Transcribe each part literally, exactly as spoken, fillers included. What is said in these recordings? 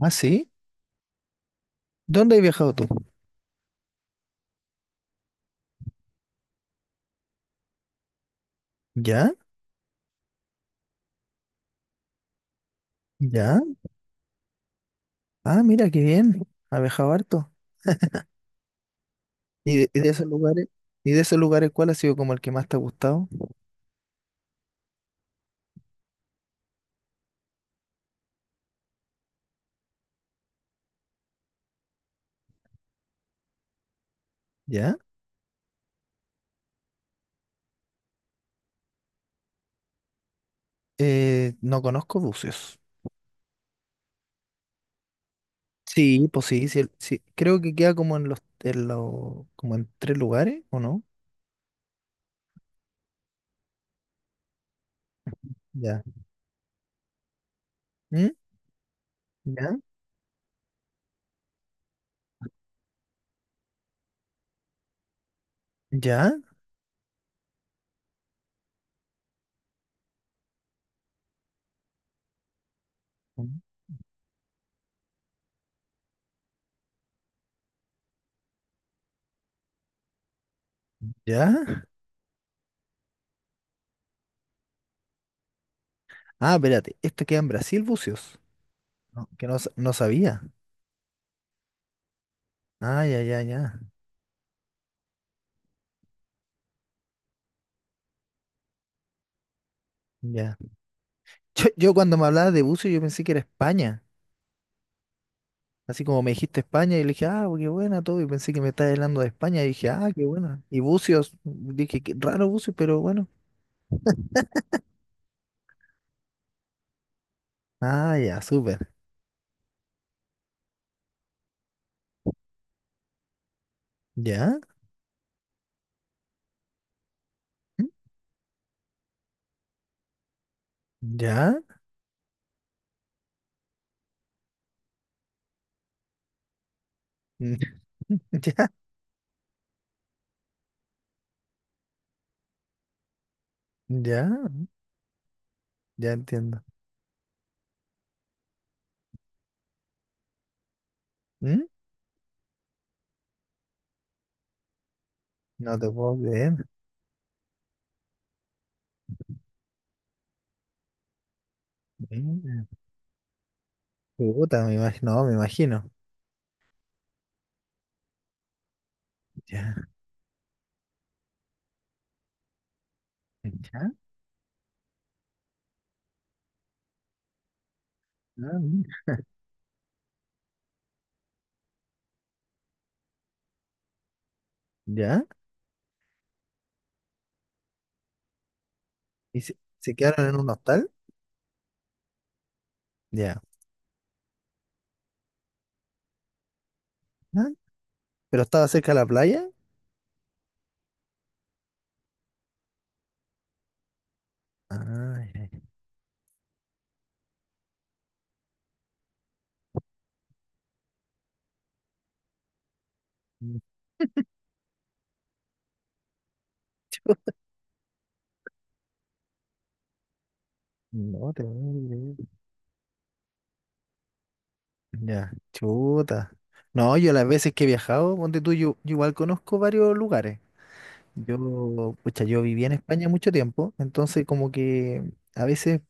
Ah, sí. ¿Dónde has viajado tú? ¿Ya? ¿Ya? Ah, mira, qué bien. Has viajado harto. ¿Y de, y de esos lugares? ¿Y de esos lugares cuál ha sido como el que más te ha gustado? ¿Ya? Eh, no conozco bucios. Sí, pues sí, sí, sí. Creo que queda como en los, en los, como en tres lugares, ¿o no? Ya. ¿Mm? ¿Ya? ¿Ya? ¿Mm? ¿Ya? Ah, espérate, esto queda en Brasil, Bucios. No, que no, sa- no sabía. Ah, ya, ya, ya. Ya. Yo, yo cuando me hablaba de Bucios, yo pensé que era España. Así como me dijiste España, y le dije, ah, qué buena todo, y pensé que me estabas hablando de España, y dije, ah, qué buena. Y Bucios, dije, qué raro Bucios, pero bueno. Ah, ya, súper. ¿Ya? ¿Mm? ¿Ya? ¿Mm? ¿Ya? ¿Ya? Ya entiendo. ¿Mm? No te puedo creer. Mm, Puta, me imagino, no, me imagino. Ya, ya, ah, mira, ya. ¿Y se, se quedaron en un hostal? Ya. Ah, ¿pero estaba cerca de la playa? Ah, ya, ya. Mm, no te puedo creer. Ya, chuta. No, yo las veces que he viajado, ponte tú, yo, yo igual conozco varios lugares. Yo, pucha, yo viví en España mucho tiempo, entonces como que a veces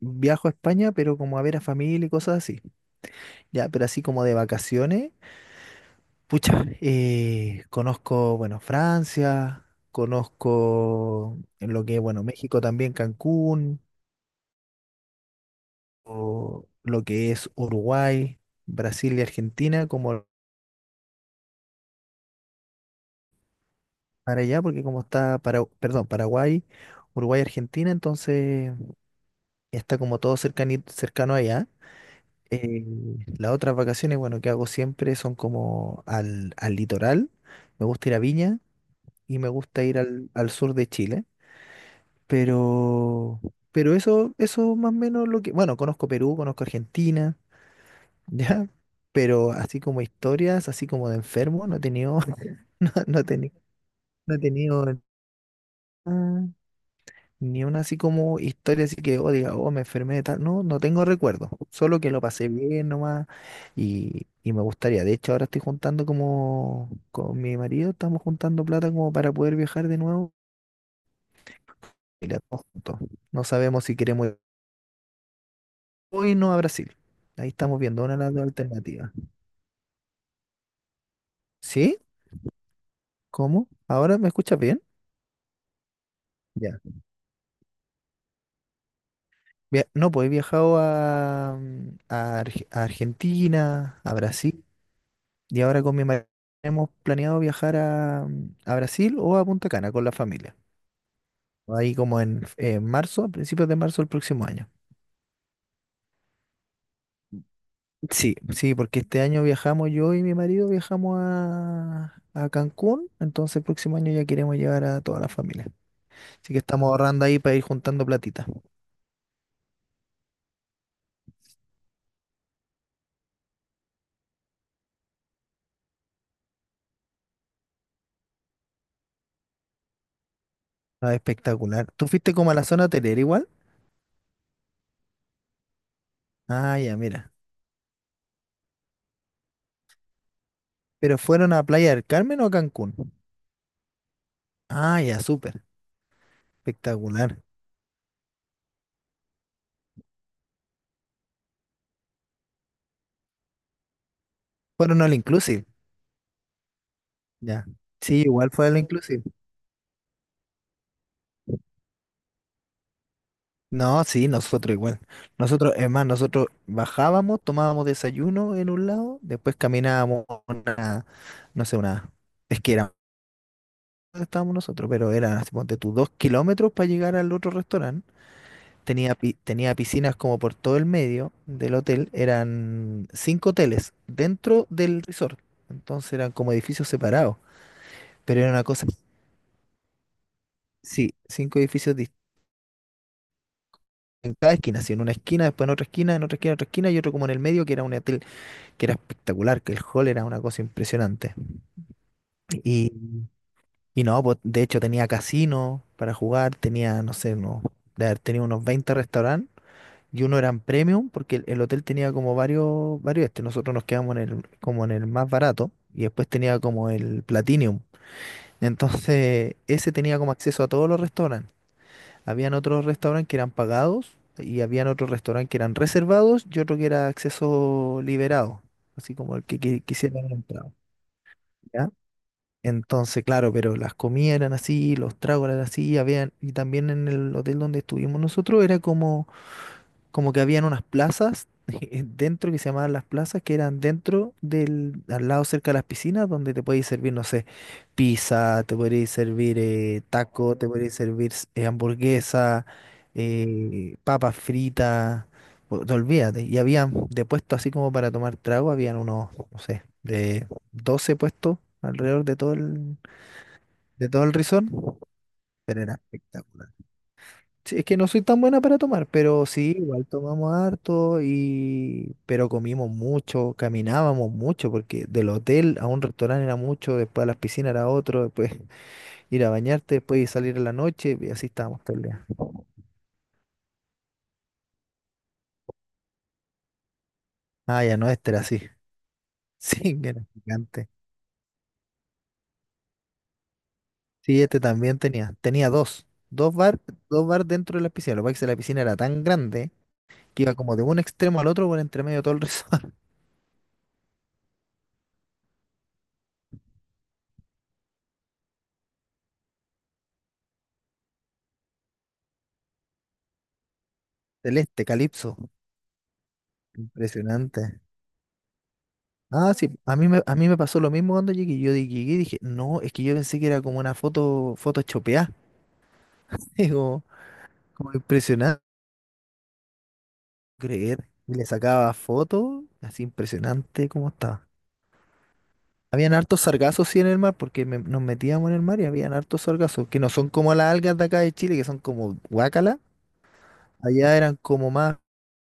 viajo a España, pero como a ver a familia y cosas así. Ya, pero así como de vacaciones, pucha, eh, conozco, bueno, Francia, conozco en lo que es, bueno, México también, Cancún, o lo que es Uruguay, Brasil y Argentina, como para allá, porque como está, para, perdón, Paraguay, Uruguay, Argentina, entonces está como todo cercani- cercano allá. Eh, las otras vacaciones, bueno, que hago siempre son como al, al litoral, me gusta ir a Viña y me gusta ir al, al sur de Chile, pero, pero eso, eso más o menos lo que, bueno, conozco Perú, conozco Argentina, ¿ya? Pero así como historias, así como de enfermo, no he tenido, no, no he tenido, no he tenido nada. Ni una así como historia así que, oh, diga, oh, me enfermé de tal. No, no tengo recuerdo. Solo que lo pasé bien nomás y, y me gustaría. De hecho, ahora estoy juntando como con mi marido, estamos juntando plata como para poder viajar de nuevo. Y la todos juntos. No sabemos si queremos ir hoy no a Brasil. Ahí estamos viendo una de las dos alternativas. ¿Sí? ¿Cómo? ¿Ahora me escuchas bien? Ya. Via- No, pues he viajado a, mm, a Arge- a Argentina, a Brasil. Y ahora con mi marido hemos planeado viajar a, mm, a Brasil o a Punta Cana con la familia. Ahí como en, en marzo, a principios de marzo del próximo año. Sí, sí, porque este año viajamos yo y mi marido viajamos a, a Cancún, entonces el próximo año ya queremos llevar a toda la familia. Así que estamos ahorrando ahí para ir juntando platita. Ah, espectacular. ¿Tú fuiste como a la zona hotelera igual? Ah, ya, mira. ¿Pero fueron a Playa del Carmen o a Cancún? Ah, ya, súper. Espectacular. Fueron al Inclusive. Ya. Sí, igual fue al Inclusive. No, sí, nosotros igual. Nosotros, es más, nosotros bajábamos, tomábamos desayuno en un lado, después caminábamos una, no sé, una, es que era donde estábamos nosotros, pero era, así, ponte tú, dos kilómetros para llegar al otro restaurante. Tenía, pi- tenía piscinas como por todo el medio del hotel, eran cinco hoteles dentro del resort, entonces eran como edificios separados, pero era una cosa, sí, cinco edificios distintos en cada esquina, así, en una esquina, después en otra esquina, en otra esquina, en otra esquina y otro como en el medio que era un hotel que era espectacular, que el hall era una cosa impresionante. Y, y no, pues de hecho tenía casino para jugar, tenía, no sé, unos, de haber tenido unos veinte restaurantes y uno eran premium porque el, el hotel tenía como varios, varios este, nosotros nos quedamos en el, como en el más barato y después tenía como el platinum. Entonces, ese tenía como acceso a todos los restaurantes. Habían otros restaurantes que eran pagados y habían otros restaurantes que eran reservados y otro que era acceso liberado, así como el que, qui- quisiera entrar. Entonces, claro, pero las comidas eran así, los tragos eran así, habían, y también en el hotel donde estuvimos nosotros era como, como que habían unas plazas dentro que se llamaban las plazas, que eran dentro del, al lado cerca de las piscinas, donde te podías servir, no sé, pizza, te podías servir eh, taco, te podías servir eh, hamburguesa, eh, papas fritas, o- no, olvídate. Y habían de puesto así como para tomar trago, habían unos, no sé, de doce puestos alrededor de todo el, de todo el, rizón, pero era espectacular. Sí, es que no soy tan buena para tomar, pero sí, igual tomamos harto y pero comimos mucho, caminábamos mucho, porque del hotel a un restaurante era mucho, después a las piscinas era otro, después ir a bañarte, después ir a salir en la noche, y así estábamos todo el día. Ah, ya no, este era así. Sí, que era gigante. Sí, este también tenía. Tenía dos. Dos bar, dos bar dentro de la piscina. Lo que pasa es que la piscina era tan grande que iba como de un extremo al otro por entre medio de todo el resort. Celeste, calipso. Impresionante. Ah, sí, a mí me, a mí me pasó lo mismo cuando llegué. Yo di- llegué y dije, no, es que yo pensé que era como una foto, foto chopeada. Digo, como impresionante, creer. Y le sacaba fotos, así impresionante como estaba. Habían hartos sargazos, sí, en el mar, porque me- nos metíamos en el mar y habían hartos sargazos, que no son como las algas de acá de Chile, que son como guácala. Allá eran como más,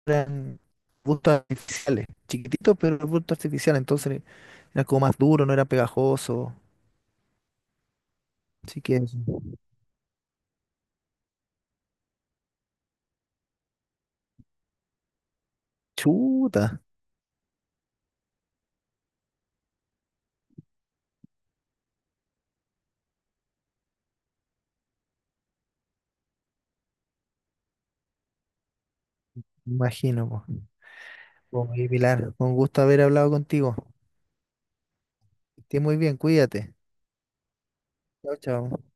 eran arbustos artificiales, chiquititos, pero arbustos artificiales, entonces eran como más duros, no eran pegajosos. Así que eso. Chuta, me imagino, po. Oye, Pilar, un gusto haber hablado contigo. Que estés muy bien, cuídate. Chao, chao.